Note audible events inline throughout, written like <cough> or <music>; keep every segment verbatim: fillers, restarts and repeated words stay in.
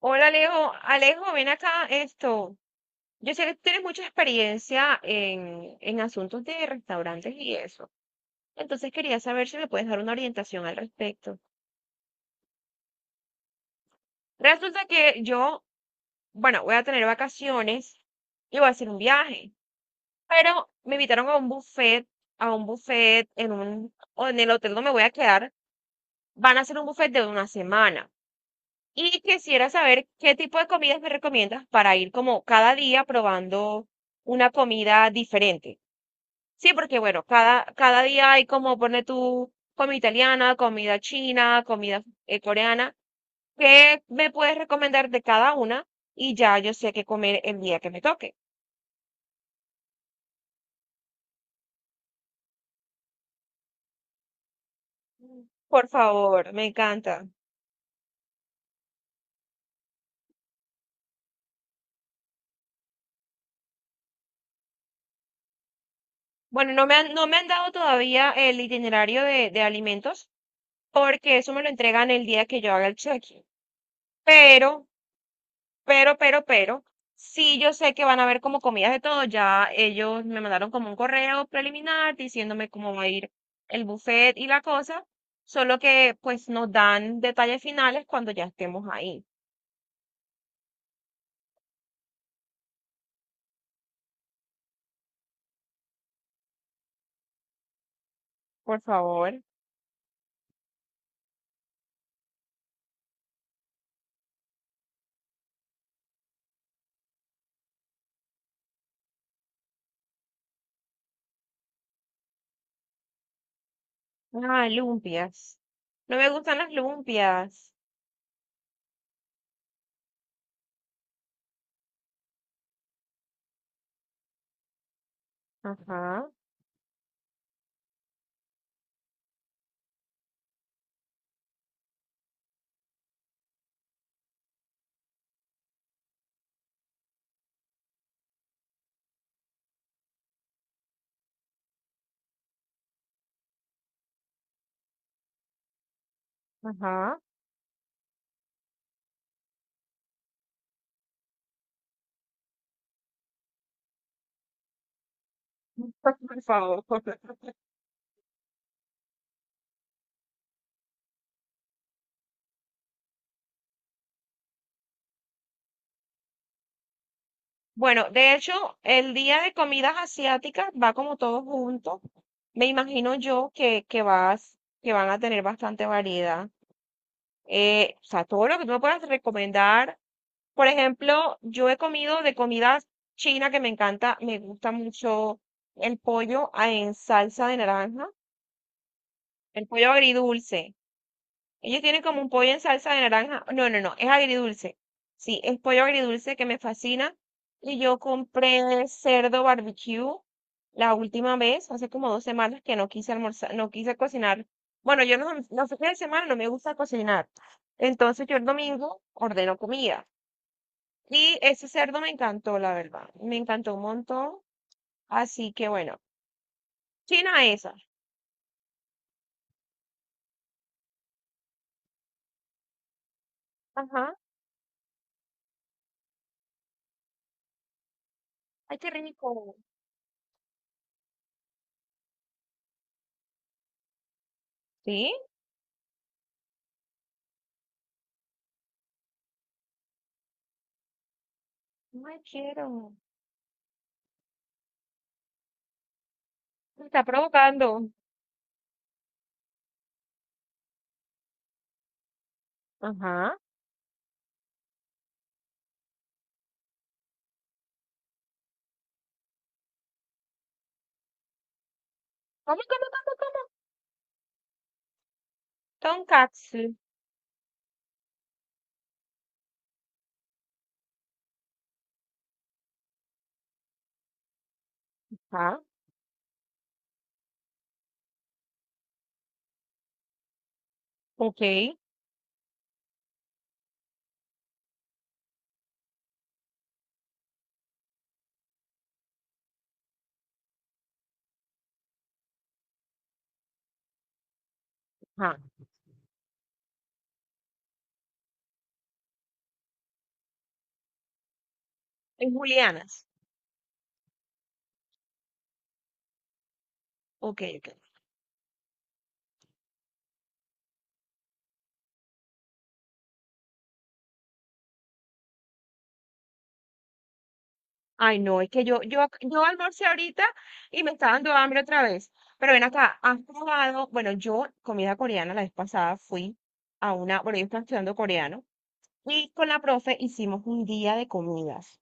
Hola Alejo, Alejo, ven acá esto. Yo sé que tú tienes mucha experiencia en, en asuntos de restaurantes y eso. Entonces quería saber si me puedes dar una orientación al respecto. Resulta que yo, bueno, voy a tener vacaciones y voy a hacer un viaje, pero me invitaron a un buffet, a un buffet en un, o en el hotel donde me voy a quedar, van a hacer un buffet de una semana. Y quisiera saber qué tipo de comidas me recomiendas para ir como cada día probando una comida diferente. Sí, porque bueno, cada, cada día hay como pone tu comida italiana, comida china, comida eh, coreana. ¿Qué me puedes recomendar de cada una? Y ya yo sé qué comer el día que me toque. Por favor, me encanta. Bueno, no me han, no me han dado todavía el itinerario de, de alimentos porque eso me lo entregan el día que yo haga el check-in. Pero Pero, pero, pero, sí yo sé que van a haber como comidas de todo. Ya ellos me mandaron como un correo preliminar diciéndome cómo va a ir el buffet y la cosa. Solo que pues nos dan detalles finales cuando ya estemos ahí. Por favor. Ah, lumpias. No me gustan las lumpias. Ajá, ajá. <laughs> Por favor. Bueno, de hecho, el día de comidas asiáticas va como todo junto. Me imagino yo que, que vas, que van a tener bastante variedad. Eh, o sea, todo lo que tú me puedas recomendar. Por ejemplo, yo he comido de comida china que me encanta, me gusta mucho el pollo a- en salsa de naranja, el pollo agridulce. Ellos tienen como un pollo en salsa de naranja. No, no, no, es agridulce. Sí, es pollo agridulce que me fascina. Y yo compré cerdo barbecue la última vez, hace como dos semanas que no quise almorzar, no quise cocinar. Bueno, yo no, los fines de semana no me gusta cocinar. Entonces yo el domingo ordeno comida. Y ese cerdo me encantó, la verdad. Me encantó un montón. Así que bueno, china esa. Ajá. Ay, qué rico. ¿Sí? Ay, quiero. Me está provocando. Ajá. ¿Cómo, cómo, cómo, cómo? Tonkatsu. Ajá. Ok. Ajá. En julianas. Ok, ok. Ay, no, es que yo, yo, ac- yo almorcé ahorita y me está dando hambre otra vez. Pero ven acá, has probado, bueno, yo comida coreana la vez pasada fui a una, bueno, yo estaba estudiando coreano y con la profe hicimos un día de comidas.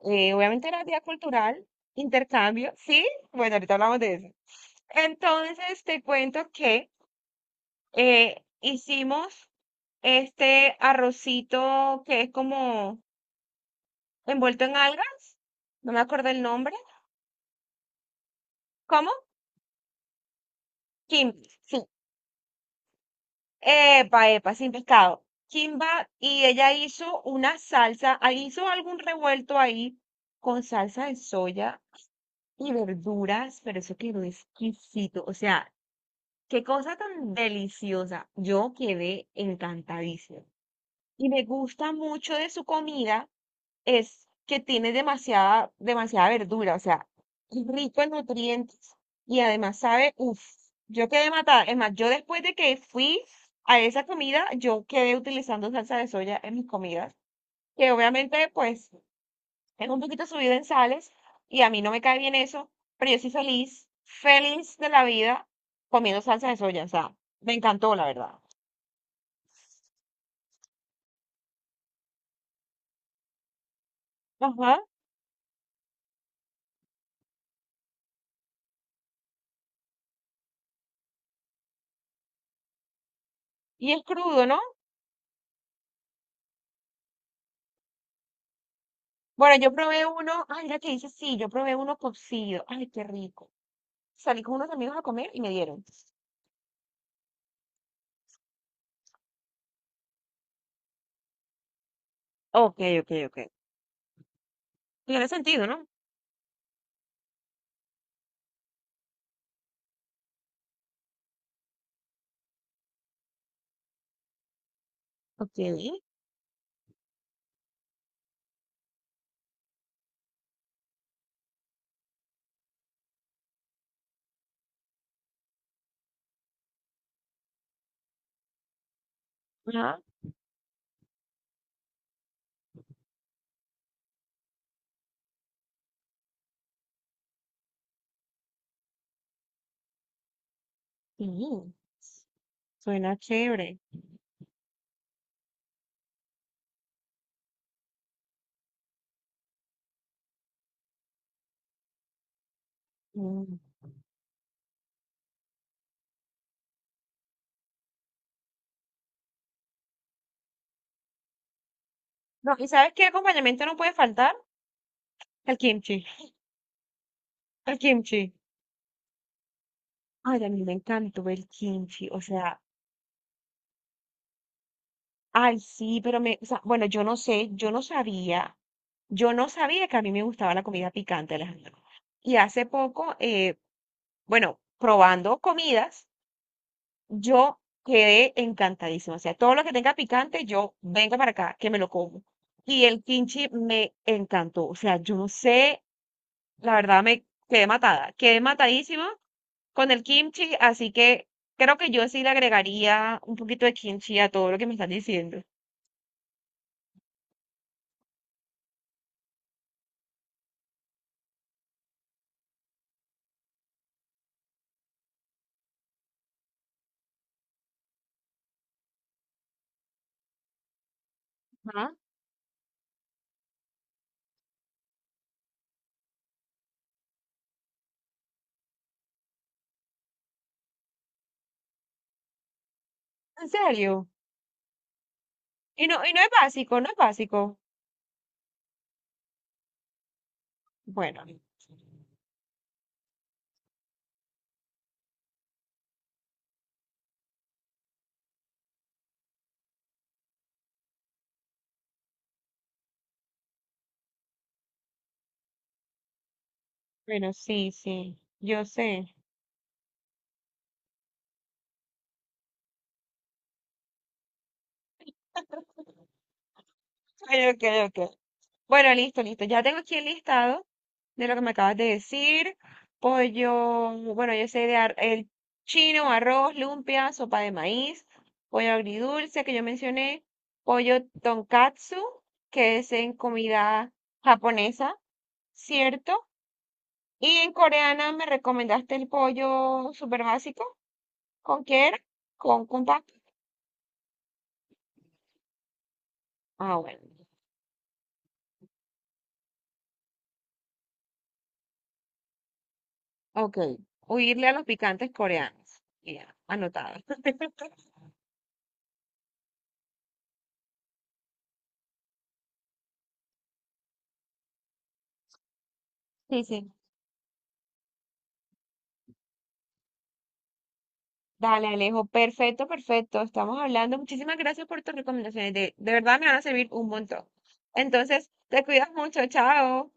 Eh, obviamente era día cultural, intercambio, ¿sí? Bueno, ahorita hablamos de eso. Entonces te cuento que eh, hicimos este arrocito que es como envuelto en algas, no me acuerdo el nombre. ¿Cómo? Kimba, sí. Epa, epa, sin pescado. Kimba, y ella hizo una salsa, ah, hizo algún revuelto ahí con salsa de soya y verduras, pero eso quedó exquisito. O sea, qué cosa tan deliciosa. Yo quedé encantadísima. Y me gusta mucho de su comida es que tiene demasiada, demasiada verdura, o sea, es rico en nutrientes y además sabe, uff, yo quedé matada. Es más, yo después de que fui a esa comida, yo quedé utilizando salsa de soya en mis comidas, que obviamente pues es un poquito subido en sales y a mí no me cae bien eso, pero yo soy feliz, feliz de la vida comiendo salsa de soya, o sea, me encantó la verdad. Ajá, y es crudo, ¿no? Bueno, yo probé uno, ay, mira que dice sí, yo probé uno cocido, ay, qué rico. Salí con unos amigos a comer y me dieron. Ok, ok, ok. Tiene sentido, ¿no? Ok. Ah, sí, suena chévere. Mm. No, ¿y sabes qué acompañamiento no puede faltar? El kimchi. El kimchi. Ay, a mí me encantó el kimchi. O sea, ay, sí, pero me, o sea, bueno, yo no sé, yo no sabía, yo no sabía que a mí me gustaba la comida picante, Alejandro. Y hace poco, eh, bueno, probando comidas, yo quedé encantadísima. O sea, todo lo que tenga picante, yo vengo para acá, que me lo como. Y el kimchi me encantó. O sea, yo no sé, la verdad me quedé matada, quedé matadísima con el kimchi, así que creo que yo sí le agregaría un poquito de kimchi a todo lo que me están diciendo. ¿En serio? Y no, y no es básico, no es básico. Bueno, bueno, sí, sí, yo sé. Ok, ok, ok. Bueno, listo, listo. Ya tengo aquí el listado de lo que me acabas de decir. Pollo, bueno, yo sé de ar- el chino, arroz, lumpia, sopa de maíz, pollo agridulce que yo mencioné, pollo tonkatsu, que es en comida japonesa, ¿cierto? Y en coreana me recomendaste el pollo súper básico. ¿Con qué era? Con Kumpa. Ah, bueno. Ok. Huirle a los picantes coreanos. Ya, anotado. <laughs> Sí, sí. Dale, Alejo. Perfecto, perfecto. Estamos hablando. Muchísimas gracias por tus recomendaciones. De, de verdad me van a servir un montón. Entonces, te cuidas mucho. Chao.